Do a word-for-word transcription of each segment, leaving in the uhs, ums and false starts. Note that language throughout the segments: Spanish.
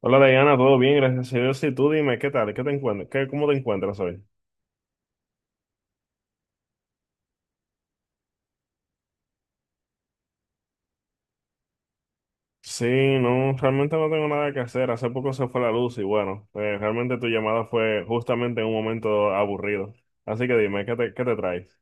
Hola Diana, todo bien, gracias a Dios. Y tú dime, ¿qué tal? ¿Qué te encuentras? ¿Qué, cómo te encuentras hoy? Sí, no, realmente no tengo nada que hacer. Hace poco se fue la luz y bueno, eh, realmente tu llamada fue justamente en un momento aburrido. Así que dime, ¿qué te, qué te traes?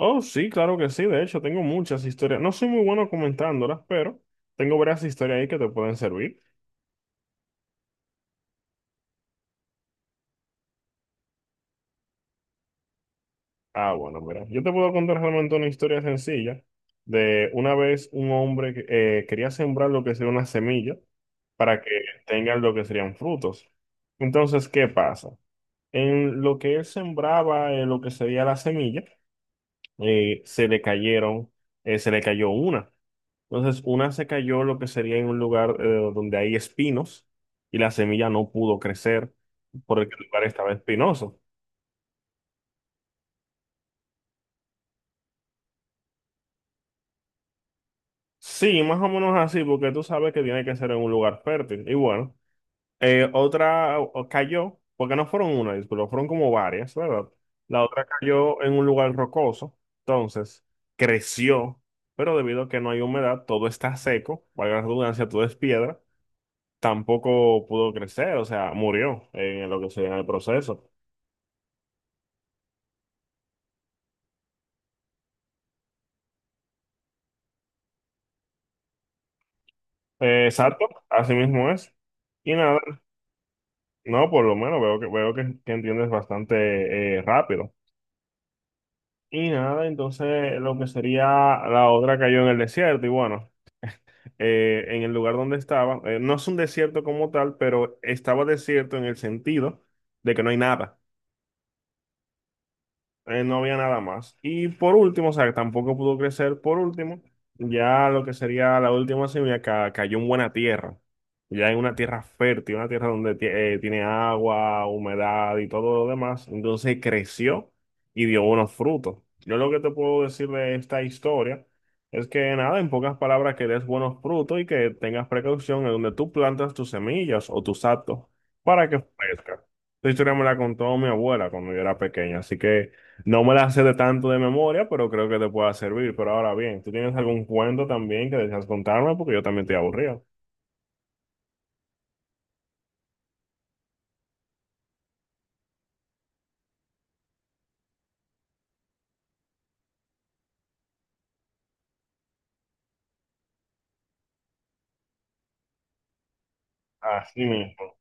Oh, sí, claro que sí. De hecho, tengo muchas historias. No soy muy bueno comentándolas, pero tengo varias historias ahí que te pueden servir. Ah, bueno, mira, yo te puedo contar realmente una historia sencilla de una vez un hombre que eh, quería sembrar lo que sería una semilla para que tengan lo que serían frutos. Entonces, ¿qué pasa? En lo que él sembraba, eh, lo que sería la semilla, eh, se le cayeron, eh, se le cayó una. Entonces, una se cayó lo que sería en un lugar eh, donde hay espinos y la semilla no pudo crecer porque el lugar estaba espinoso. Sí, más o menos así, porque tú sabes que tiene que ser en un lugar fértil. Y bueno, eh, otra o- cayó, porque no fueron una, disculpa, fueron como varias, ¿verdad? La otra cayó en un lugar rocoso, entonces creció, pero debido a que no hay humedad, todo está seco, valga la redundancia, todo es piedra, tampoco pudo crecer, o sea, murió en lo que sería el proceso. Eh, exacto, así mismo es. Y nada, no, por lo menos veo que, veo que, que entiendes bastante eh, rápido. Y nada, entonces lo que sería la otra cayó en el desierto y bueno, eh, en el lugar donde estaba, eh, no es un desierto como tal, pero estaba desierto en el sentido de que no hay nada eh, no había nada más. Y por último, o sea, que tampoco pudo crecer. Por último, ya lo que sería la última semilla ca- cayó en buena tierra. Ya en una tierra fértil, una tierra donde ti- eh, tiene agua, humedad y todo lo demás. Entonces creció y dio buenos frutos. Yo lo que te puedo decir de esta historia es que nada, en pocas palabras, que des buenos frutos y que tengas precaución en donde tú plantas tus semillas o tus actos para que crezcan. Esta historia me la contó mi abuela cuando yo era pequeña, así que... No me la sé de tanto de memoria, pero creo que te pueda servir. Pero ahora bien, ¿tú tienes algún cuento también que deseas contarme? Porque yo también estoy aburrido. Así mismo.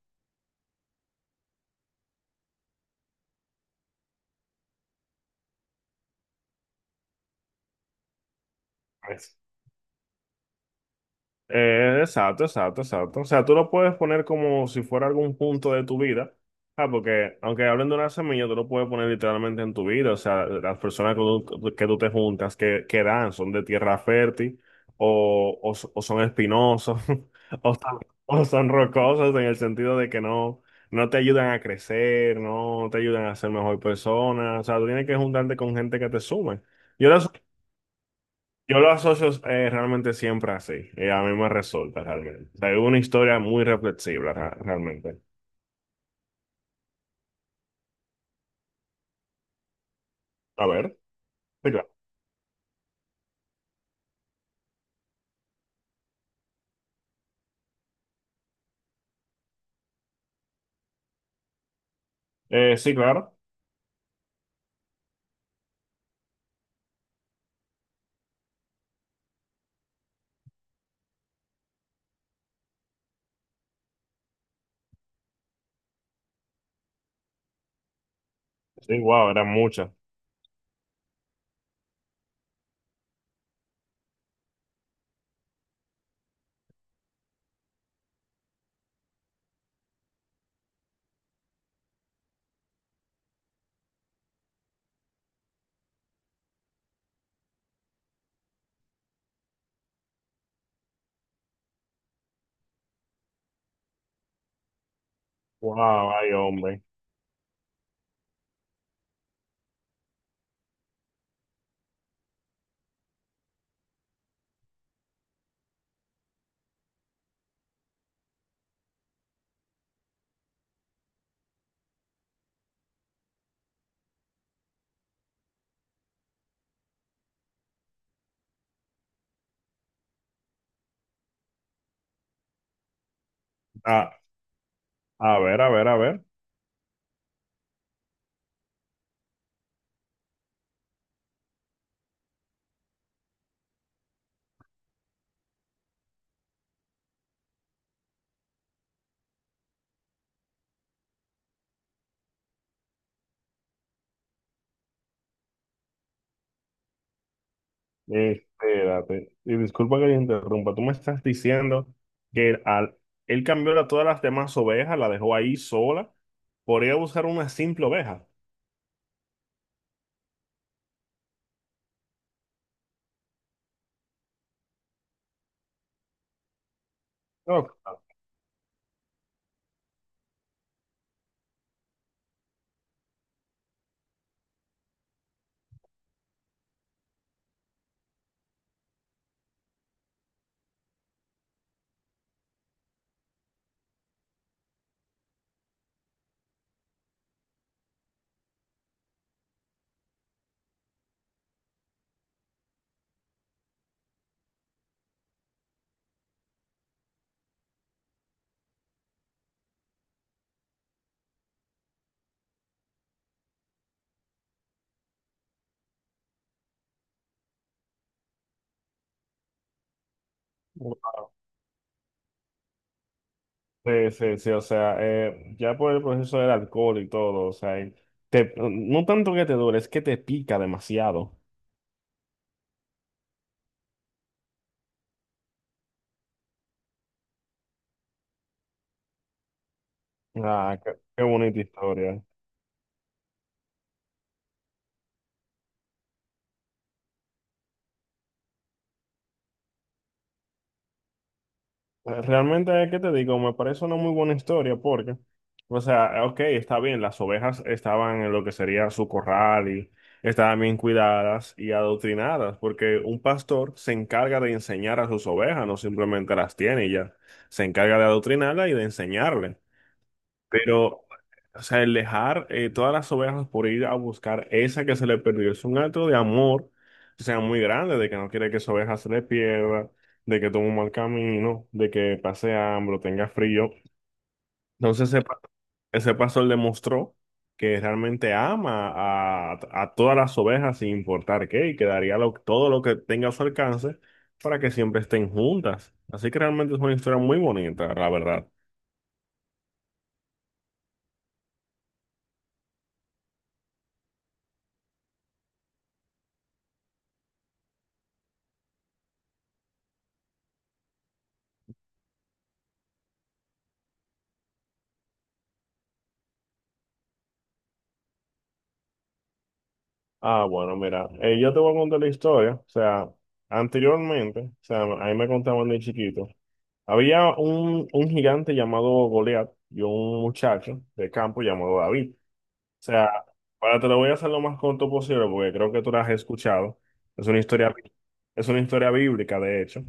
Eh, exacto, exacto, exacto. O sea, tú lo puedes poner como si fuera algún punto de tu vida. Ah, porque aunque hablen de una semilla, tú lo puedes poner literalmente en tu vida. O sea, las personas que tú, que tú te juntas, que, que dan, son de tierra fértil o, o, s- o son espinosos o, son- o son rocosos en el sentido de que no, no te ayudan a crecer, no te ayudan a ser mejor persona. O sea, tú tienes que juntarte con gente que te sume. Yo las yo lo asocio eh, realmente siempre así. Eh, a mí me resulta realmente. O sea, es una historia muy reflexiva ra- realmente. A ver, sí, claro. Eh, sí, claro. Sí, wow, eran muchas. Wow, ay, hombre. Ah, a ver, a ver, a ver. Eh, espérate. Y disculpa que te interrumpa. Tú me estás diciendo que él, al, él cambió a todas las demás ovejas, la dejó ahí sola, por ir a buscar una simple oveja. No. Sí, sí, sí, o sea, eh, ya por el proceso del alcohol y todo, o sea, y te- no tanto que te duele, es que te pica demasiado. Ah, qué, qué bonita historia. Eh, Realmente, ¿qué te digo? Me parece una muy buena historia porque, o sea, ok, está bien, las ovejas estaban en lo que sería su corral y estaban bien cuidadas y adoctrinadas, porque un pastor se encarga de enseñar a sus ovejas, no simplemente las tiene y ya, se encarga de adoctrinarlas y de enseñarle. Pero, o sea, el dejar eh, todas las ovejas por ir a buscar esa que se le perdió es un acto de amor, o sea, muy grande, de que no quiere que su oveja se le pierda, de que tome un mal camino, de que pase hambre o tenga frío. Entonces, ese, pa- ese pastor demostró que realmente ama a, a todas las ovejas sin importar qué, y que daría lo- todo lo que tenga a su alcance para que siempre estén juntas. Así que realmente es una historia muy bonita, la verdad. Ah, bueno, mira, eh, yo te voy a contar la historia. O sea, anteriormente, o sea, a mí me contaban de chiquito, había un, un gigante llamado Goliat y un muchacho de campo llamado David. O sea, para te lo voy a hacer lo más corto posible porque creo que tú la has escuchado. Es una historia, es una historia bíblica, de hecho.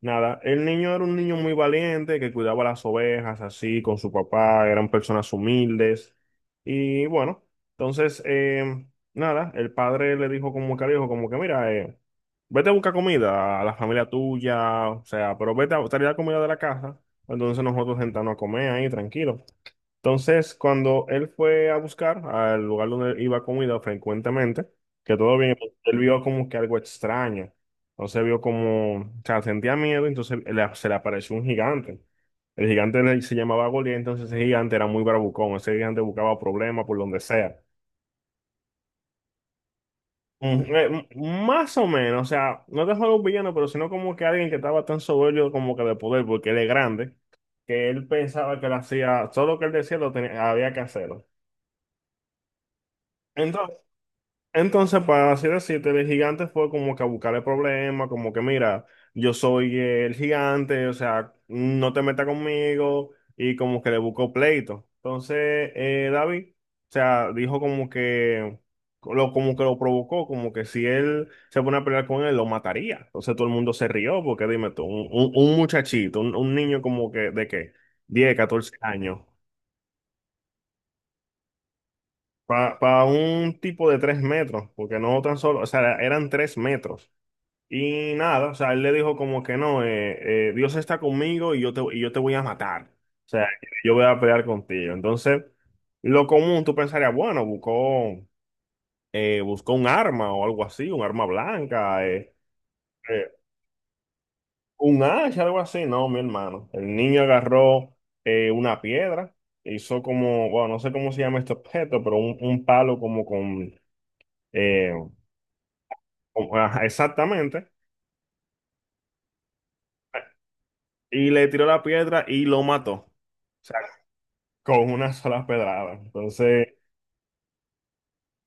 Nada, el niño era un niño muy valiente que cuidaba las ovejas así con su papá, eran personas humildes. Y bueno, entonces, eh, nada, el padre le dijo como que al hijo, como que mira, eh, vete a buscar comida a la familia tuya, o sea, pero vete a traer la comida de la casa. Entonces nosotros sentarnos a comer ahí tranquilos. Entonces, cuando él fue a buscar al lugar donde iba comida frecuentemente, que todo bien, él vio como que algo extraño. Entonces vio como, o sea, sentía miedo, entonces le- se le apareció un gigante. El gigante le- se llamaba Goliat, entonces ese gigante era muy bravucón, ese gigante buscaba problemas por donde sea. Mm, eh, mm, más o menos, o sea, no te juego un villano, pero sino como que alguien que estaba tan soberbio como que de poder, porque él es grande, que él pensaba que lo hacía, todo lo que él decía lo tenía, había que hacerlo. Entonces, para así decirte, el gigante fue como que a buscarle problemas, como que mira, yo soy el gigante, o sea, no te metas conmigo, y como que le buscó pleito. Entonces, eh, David, o sea, dijo como que lo, como que lo provocó, como que si él se pone a pelear con él, lo mataría. Entonces todo el mundo se rió, porque dime tú, un, un- un muchachito, un, un niño como que de qué, diez, catorce años. Para un tipo de tres metros, porque no tan solo, o sea, eran tres metros. Y nada, o sea, él le dijo como que no, eh, eh, Dios está conmigo y yo te, y yo te voy a matar. O sea, yo voy a pelear contigo. Entonces, lo común, tú pensarías, bueno, buscó, eh, buscó un arma o algo así, un arma blanca, eh, eh, un hacha, algo así. No, mi hermano. El niño agarró eh, una piedra, hizo como, bueno, no sé cómo se llama este objeto, pero un, un palo como con, eh, con- ajá, exactamente, y le tiró la piedra y lo mató. Con una sola pedrada. Entonces, o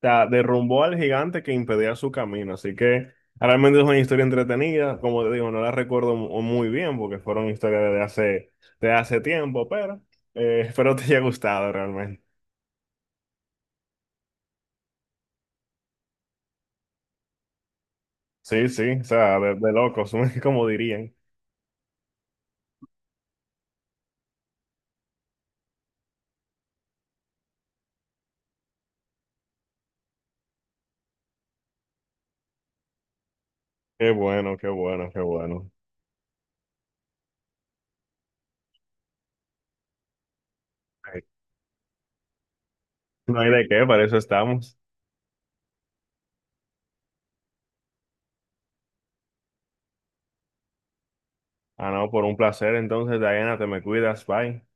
sea, derrumbó al gigante que impedía su camino. Así que realmente es una historia entretenida. Como te digo, no la recuerdo mu- muy bien porque fueron historias de hace, de hace tiempo, pero eh, espero te haya gustado realmente. Sí, sí, o sea, de, de locos, como dirían. Qué bueno, qué bueno, qué bueno. No hay de qué, para eso estamos. Ah, no, por un placer. Entonces, Diana, te me cuidas, bye.